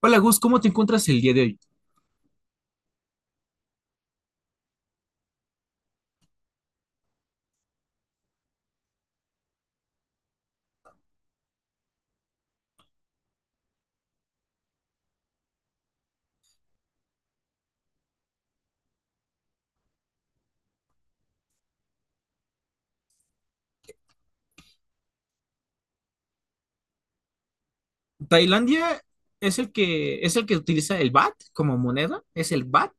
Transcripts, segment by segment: Hola Gus, ¿cómo te encuentras el día de hoy? ¿Tailandia es el que utiliza el baht como moneda? ¿Es el baht?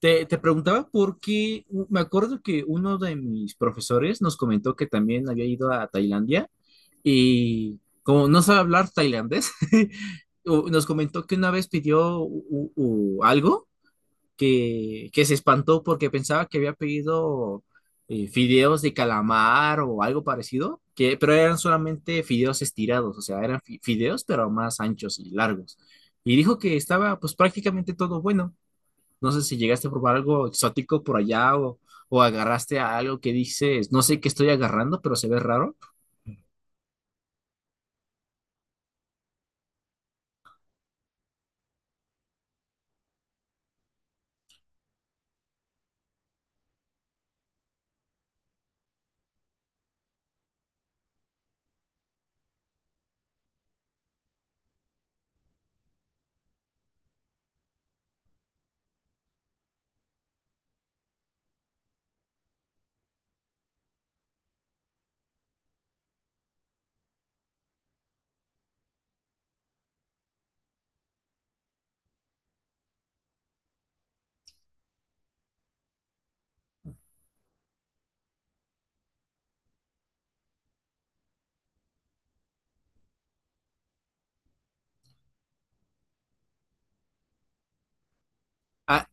Te preguntaba porque me acuerdo que uno de mis profesores nos comentó que también había ido a Tailandia y como no sabe hablar tailandés, nos comentó que una vez pidió algo que se espantó porque pensaba que había pedido fideos de calamar o algo parecido, pero eran solamente fideos estirados, o sea, eran fideos pero más anchos y largos. Y dijo que estaba pues prácticamente todo bueno. No sé si llegaste a probar algo exótico por allá o agarraste a algo que dices, no sé qué estoy agarrando, pero se ve raro. Ah,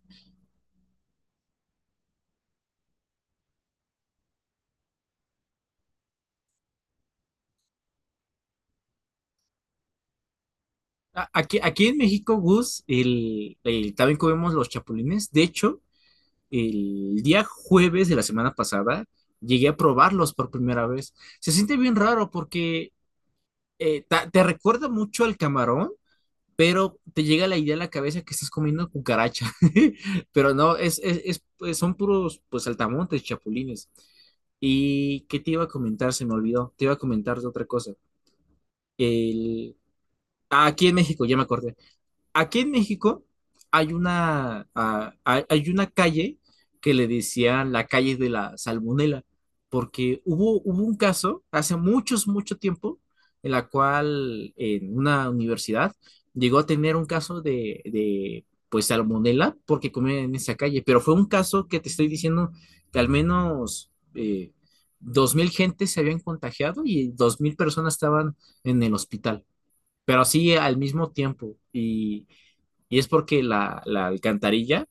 Aquí, aquí en México, Gus, también comemos los chapulines. De hecho, el día jueves de la semana pasada llegué a probarlos por primera vez. Se siente bien raro porque te recuerda mucho al camarón, pero te llega la idea a la cabeza que estás comiendo cucaracha. Pero no, pues, son puros pues saltamontes, chapulines. ¿Y qué te iba a comentar? Se me olvidó. Te iba a comentar de otra cosa. El, aquí en México, ya me acordé. Aquí en México hay una, ah, hay una calle que le decían la calle de la salmonela, porque hubo un caso hace mucho tiempo en la cual en una universidad llegó a tener un caso de pues salmonela porque comían en esa calle, pero fue un caso que te estoy diciendo que al menos 2000 gentes se habían contagiado y 2000 personas estaban en el hospital, pero así al mismo tiempo y es porque la alcantarilla,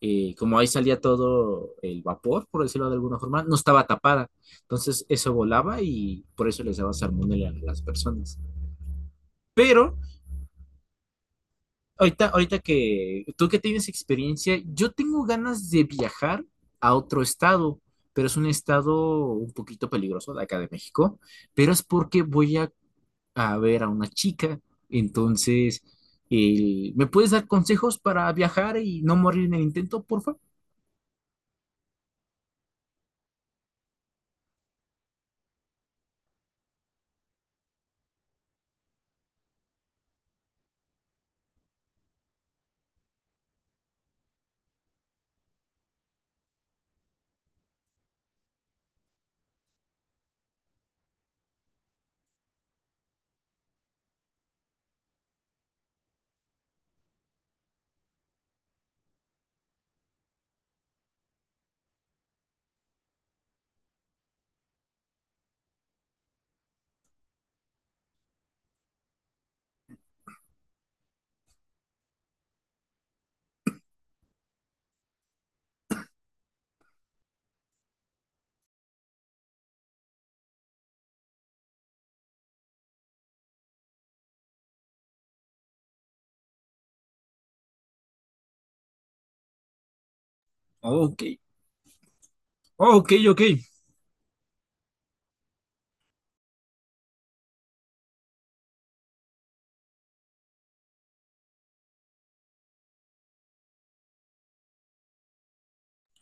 como ahí salía todo el vapor, por decirlo de alguna forma, no estaba tapada. Entonces eso volaba y por eso les daba salmonela a las personas. Pero ahorita, ahorita que tú que tienes experiencia, yo tengo ganas de viajar a otro estado, pero es un estado un poquito peligroso de acá de México, pero es porque voy a ver a una chica. Entonces, ¿me puedes dar consejos para viajar y no morir en el intento, por favor? Ok, ok, ok.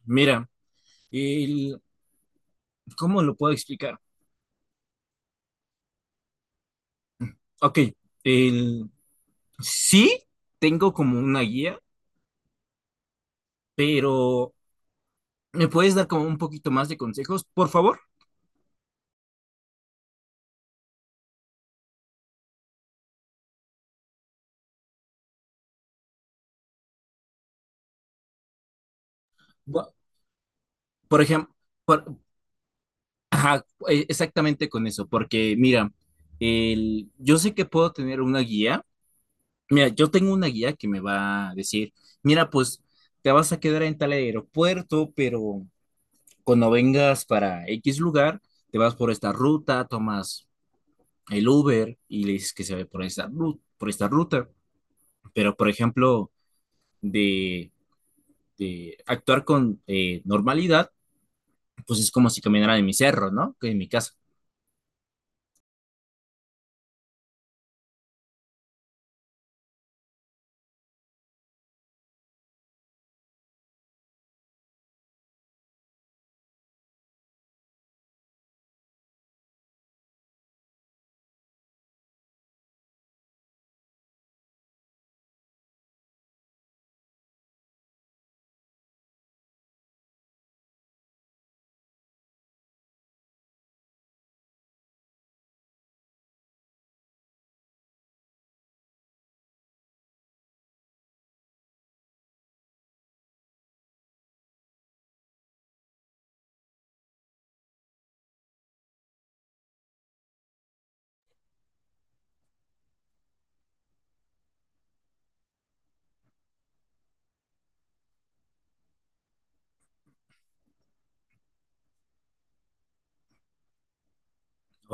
Mira, el, ¿cómo lo puedo explicar? Ok, el, sí tengo como una guía, pero ¿me puedes dar como un poquito más de consejos, por favor? Bu- Por ejemplo, ajá, exactamente con eso, porque mira, el, yo sé que puedo tener una guía. Mira, yo tengo una guía que me va a decir, mira, pues te vas a quedar en tal aeropuerto, pero cuando vengas para X lugar, te vas por esta ruta, tomas el Uber y le dices que se ve por por esta ruta. Pero, por ejemplo, de, de actuar con normalidad, pues es como si caminara en mi cerro, ¿no? Que en mi casa.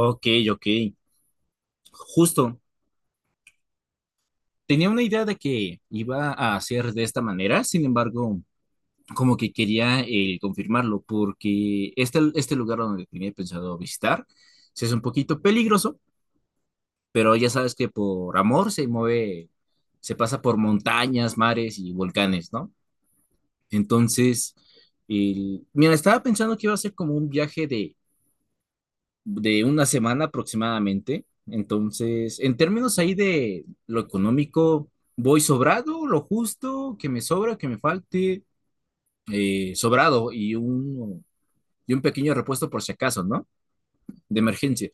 Ok, ok. Justo. Tenía una idea de que iba a hacer de esta manera, sin embargo, como que quería confirmarlo, porque este lugar donde tenía pensado visitar, sí es un poquito peligroso, pero ya sabes que por amor se mueve, se pasa por montañas, mares y volcanes, ¿no? Entonces, mira, estaba pensando que iba a ser como un viaje de una semana aproximadamente. Entonces, en términos ahí de lo económico, voy sobrado, lo justo, que me sobra, que me falte, sobrado y un pequeño repuesto por si acaso, ¿no? De emergencia.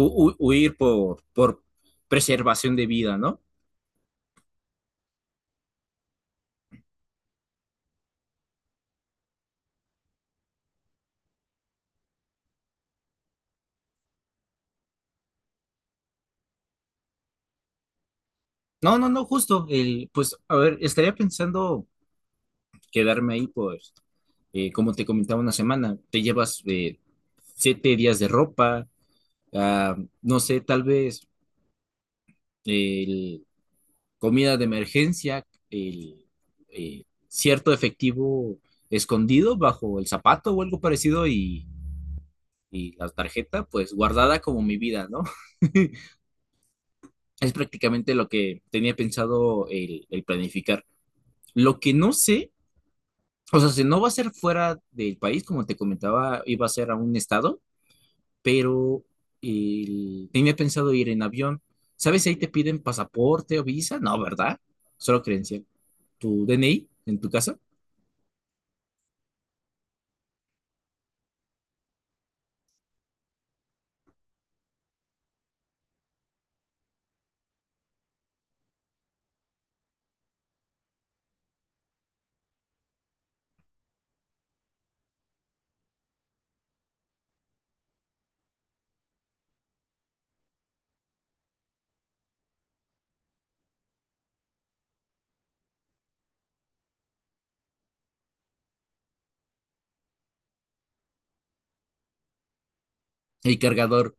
Huir por preservación de vida, ¿no? No, no, no, justo. El, pues, a ver, estaría pensando quedarme ahí, pues, como te comentaba una semana, te llevas 7 días de ropa, ah, no sé, tal vez el, comida de emergencia, cierto efectivo escondido bajo el zapato o algo parecido y la tarjeta, pues, guardada como mi vida, ¿no? Es prácticamente lo que tenía pensado el planificar. Lo que no sé. O sea, si no va a ser fuera del país, como te comentaba, iba a ser a un estado, pero tenía pensado ir en avión. ¿Sabes si ahí te piden pasaporte o visa? No, ¿verdad? Solo credencial. Tu DNI en tu casa, el cargador.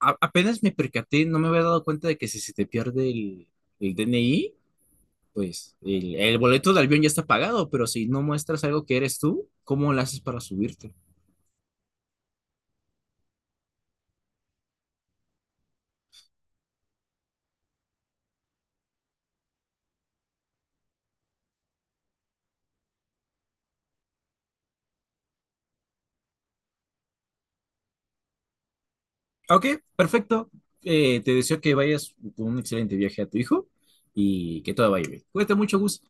Apenas me percaté, no me había dado cuenta de que si se te pierde el DNI, pues el boleto de avión ya está pagado, pero si no muestras algo que eres tú, ¿cómo lo haces para subirte? Ok, perfecto. Te deseo que vayas con un excelente viaje a tu hijo y que todo vaya bien. Cuídate mucho, Gus.